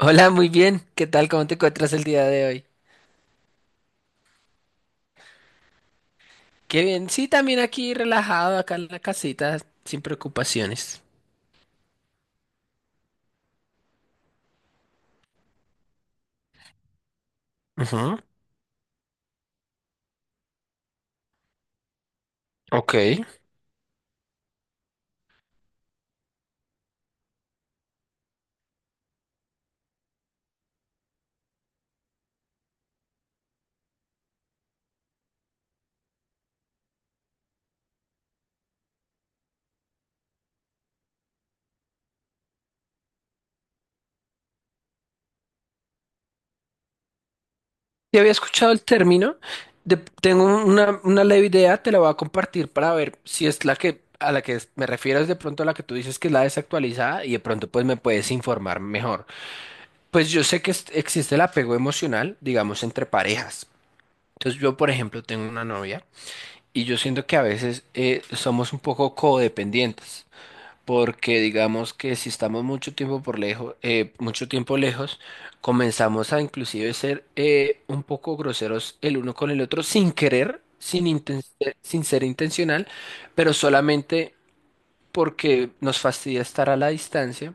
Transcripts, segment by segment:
Hola, muy bien. ¿Qué tal? ¿Cómo te encuentras el día de hoy? Qué bien. Sí, también aquí relajado, acá en la casita, sin preocupaciones. Ujú. Ok. Ya había escuchado el término. Tengo una leve idea, te la voy a compartir para ver si es la que a la que me refiero es de pronto la que tú dices que es la desactualizada y de pronto pues me puedes informar mejor. Pues yo sé que existe el apego emocional, digamos, entre parejas. Entonces yo, por ejemplo, tengo una novia y yo siento que a veces somos un poco codependientes, porque digamos que si estamos mucho tiempo por lejos, mucho tiempo lejos, comenzamos a inclusive ser un poco groseros el uno con el otro sin querer, sin ser intencional, pero solamente porque nos fastidia estar a la distancia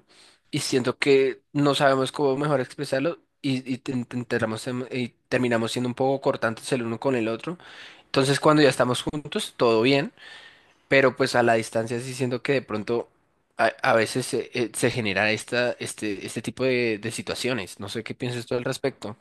y siento que no sabemos cómo mejor expresarlo y y terminamos siendo un poco cortantes el uno con el otro. Entonces, cuando ya estamos juntos, todo bien. Pero pues a la distancia sí siento que de pronto a veces se genera este tipo de situaciones. No sé qué piensas tú al respecto.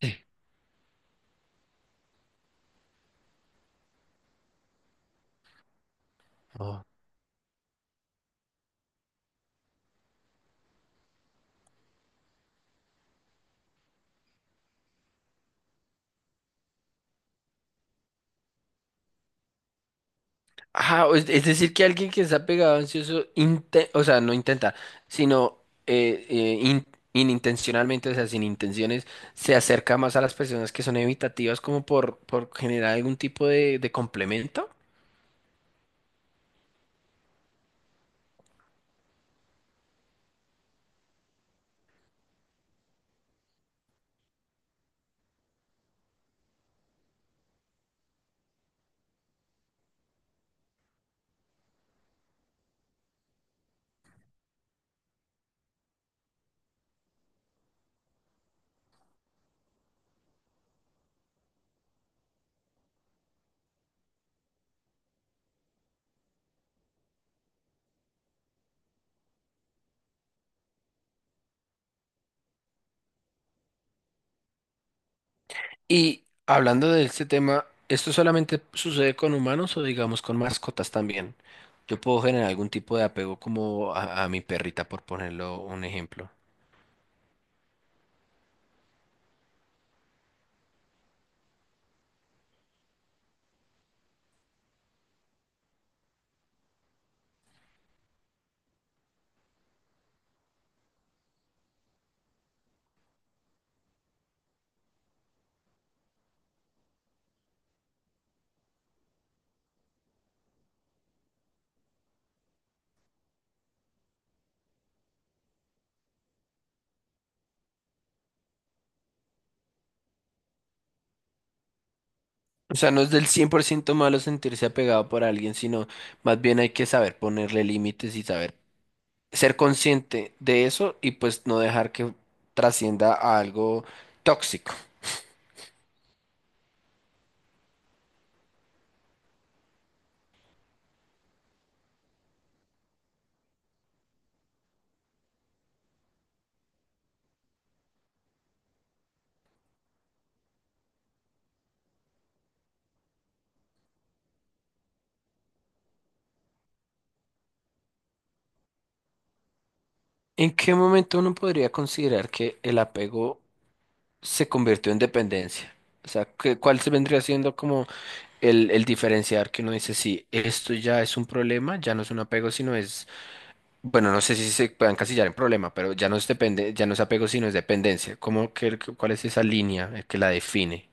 Sí. Oh. Ajá, o es decir, que alguien que está pegado ansioso, o sea, no intenta, sino eh, eh, in- inintencionalmente, o sea, sin intenciones, se acerca más a las personas que son evitativas como por generar algún tipo de complemento. Y hablando de este tema, ¿esto solamente sucede con humanos o digamos con mascotas también? Yo puedo generar algún tipo de apego como a mi perrita, por ponerlo un ejemplo. O sea, no es del 100% malo sentirse apegado por alguien, sino más bien hay que saber ponerle límites y saber ser consciente de eso y pues no dejar que trascienda a algo tóxico. ¿En qué momento uno podría considerar que el apego se convirtió en dependencia? O sea, ¿cuál se vendría siendo como? El diferenciar que uno dice: sí, esto ya es un problema, ya no es un apego, sino es, bueno, no sé si se puede encasillar en problema, pero ya no es depende, ya no es apego, sino es dependencia. ¿Cómo que cuál es esa línea que la define?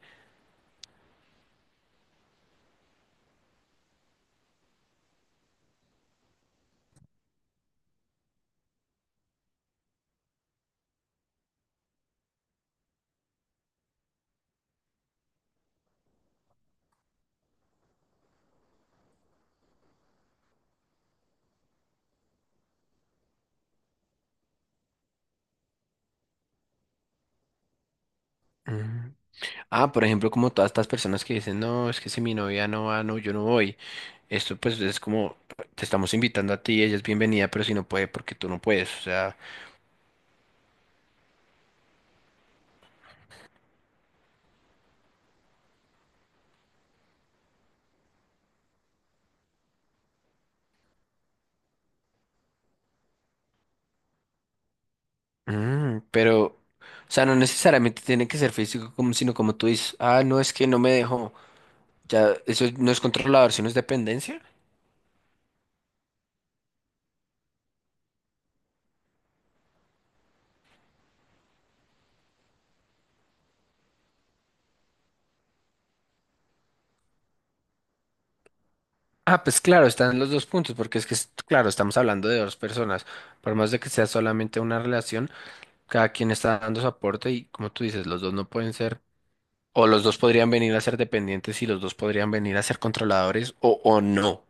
Mm. Ah, por ejemplo, como todas estas personas que dicen: no, es que si mi novia no va, no, yo no voy. Esto pues es como, te estamos invitando a ti, ella es bienvenida, pero si no puede, porque tú no puedes, o sea... pero, o sea, no necesariamente tiene que ser físico, como, sino como tú dices: ah, no, es que no me dejó. Ya, eso no es controlador, sino es dependencia. Ah, pues claro, están los dos puntos, porque es que, claro, estamos hablando de dos personas. Por más de que sea solamente una relación, cada quien está dando su aporte y, como tú dices, los dos no pueden ser, o los dos podrían venir a ser dependientes y los dos podrían venir a ser controladores o no.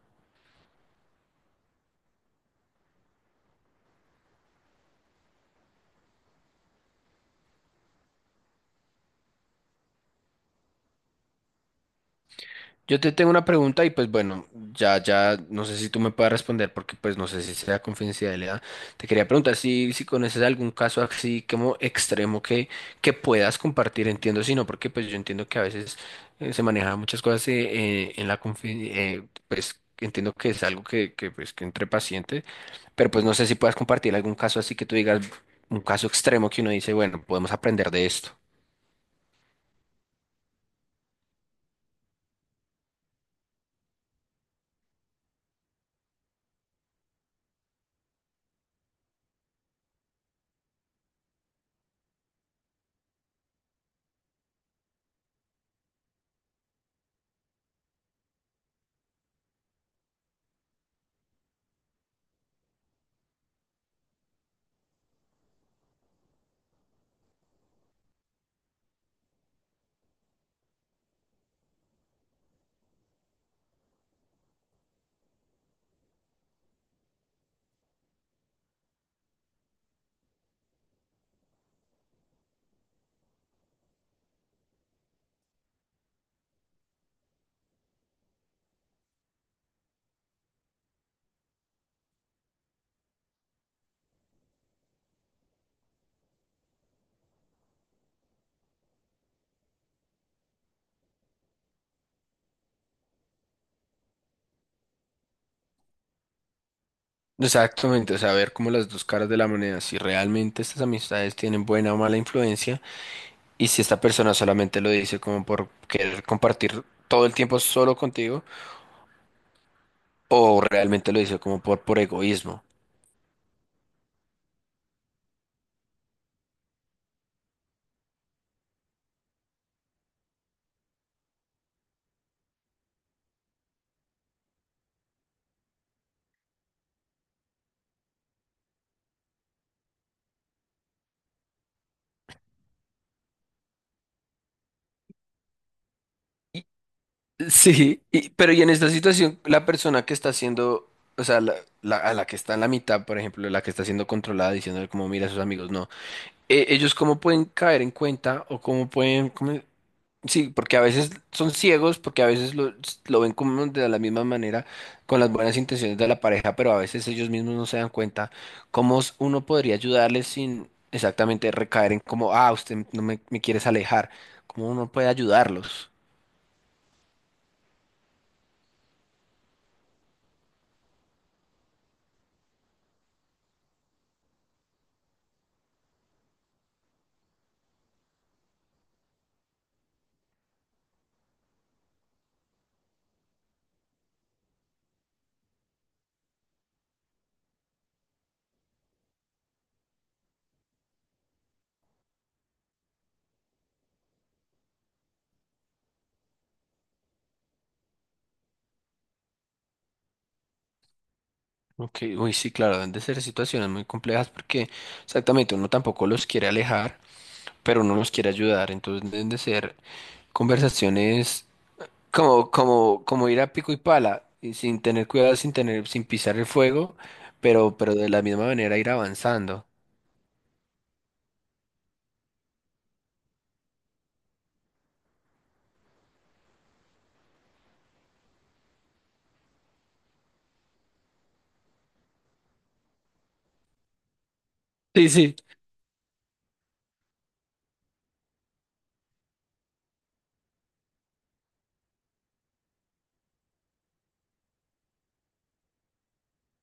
Yo te tengo una pregunta y pues bueno, ya, ya, no sé si tú me puedas responder porque pues no sé si sea confidencialidad. Te quería preguntar si conoces algún caso así como extremo que puedas compartir, entiendo, si no, porque pues yo entiendo que a veces se manejan muchas cosas en la confidencialidad, pues entiendo que es algo que pues que entre pacientes, pero pues no sé si puedas compartir algún caso así que tú digas, un caso extremo que uno dice, bueno, podemos aprender de esto. Exactamente, o sea, ver como las dos caras de la moneda, si realmente estas amistades tienen buena o mala influencia y si esta persona solamente lo dice como por querer compartir todo el tiempo solo contigo o realmente lo dice como por egoísmo. Y- Sí, pero y en esta situación la persona que está siendo, o sea, a la que está en la mitad, por ejemplo, la que está siendo controlada diciéndole como mira a sus amigos, no, ellos cómo pueden caer en cuenta o cómo pueden. Sí, porque a veces son ciegos, porque a veces lo ven como de la misma manera, con las buenas intenciones de la pareja, pero a veces ellos mismos no se dan cuenta cómo uno podría ayudarles sin exactamente recaer en como: ah, usted no me quieres alejar, cómo uno puede ayudarlos. Ok, uy, sí, claro, deben de ser situaciones muy complejas porque exactamente uno tampoco los quiere alejar, pero uno los quiere ayudar, entonces deben de ser conversaciones. Como ir a pico y pala, y sin tener cuidado, sin pisar el fuego, pero de la misma manera ir avanzando. Sí, sí.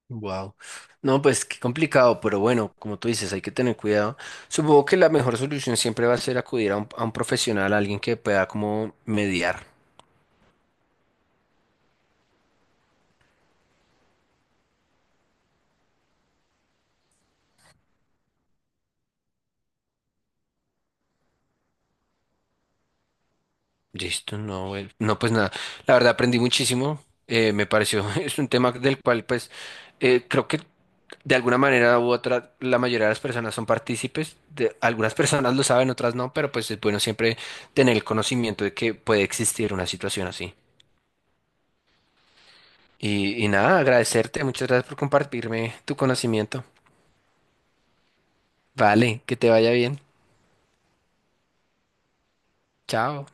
Wow. No, pues qué complicado, pero bueno, como tú dices, hay que tener cuidado. Supongo que la mejor solución siempre va a ser acudir a un profesional, a alguien que pueda como mediar. Listo, no, bueno. No, pues nada. La verdad aprendí muchísimo. Me pareció, es un tema del cual, pues, creo que de alguna manera u otra, la mayoría de las personas son partícipes. Algunas personas lo saben, otras no, pero pues es bueno siempre tener el conocimiento de que puede existir una situación así. Y nada, agradecerte. Muchas gracias por compartirme tu conocimiento. Vale, que te vaya bien. Chao.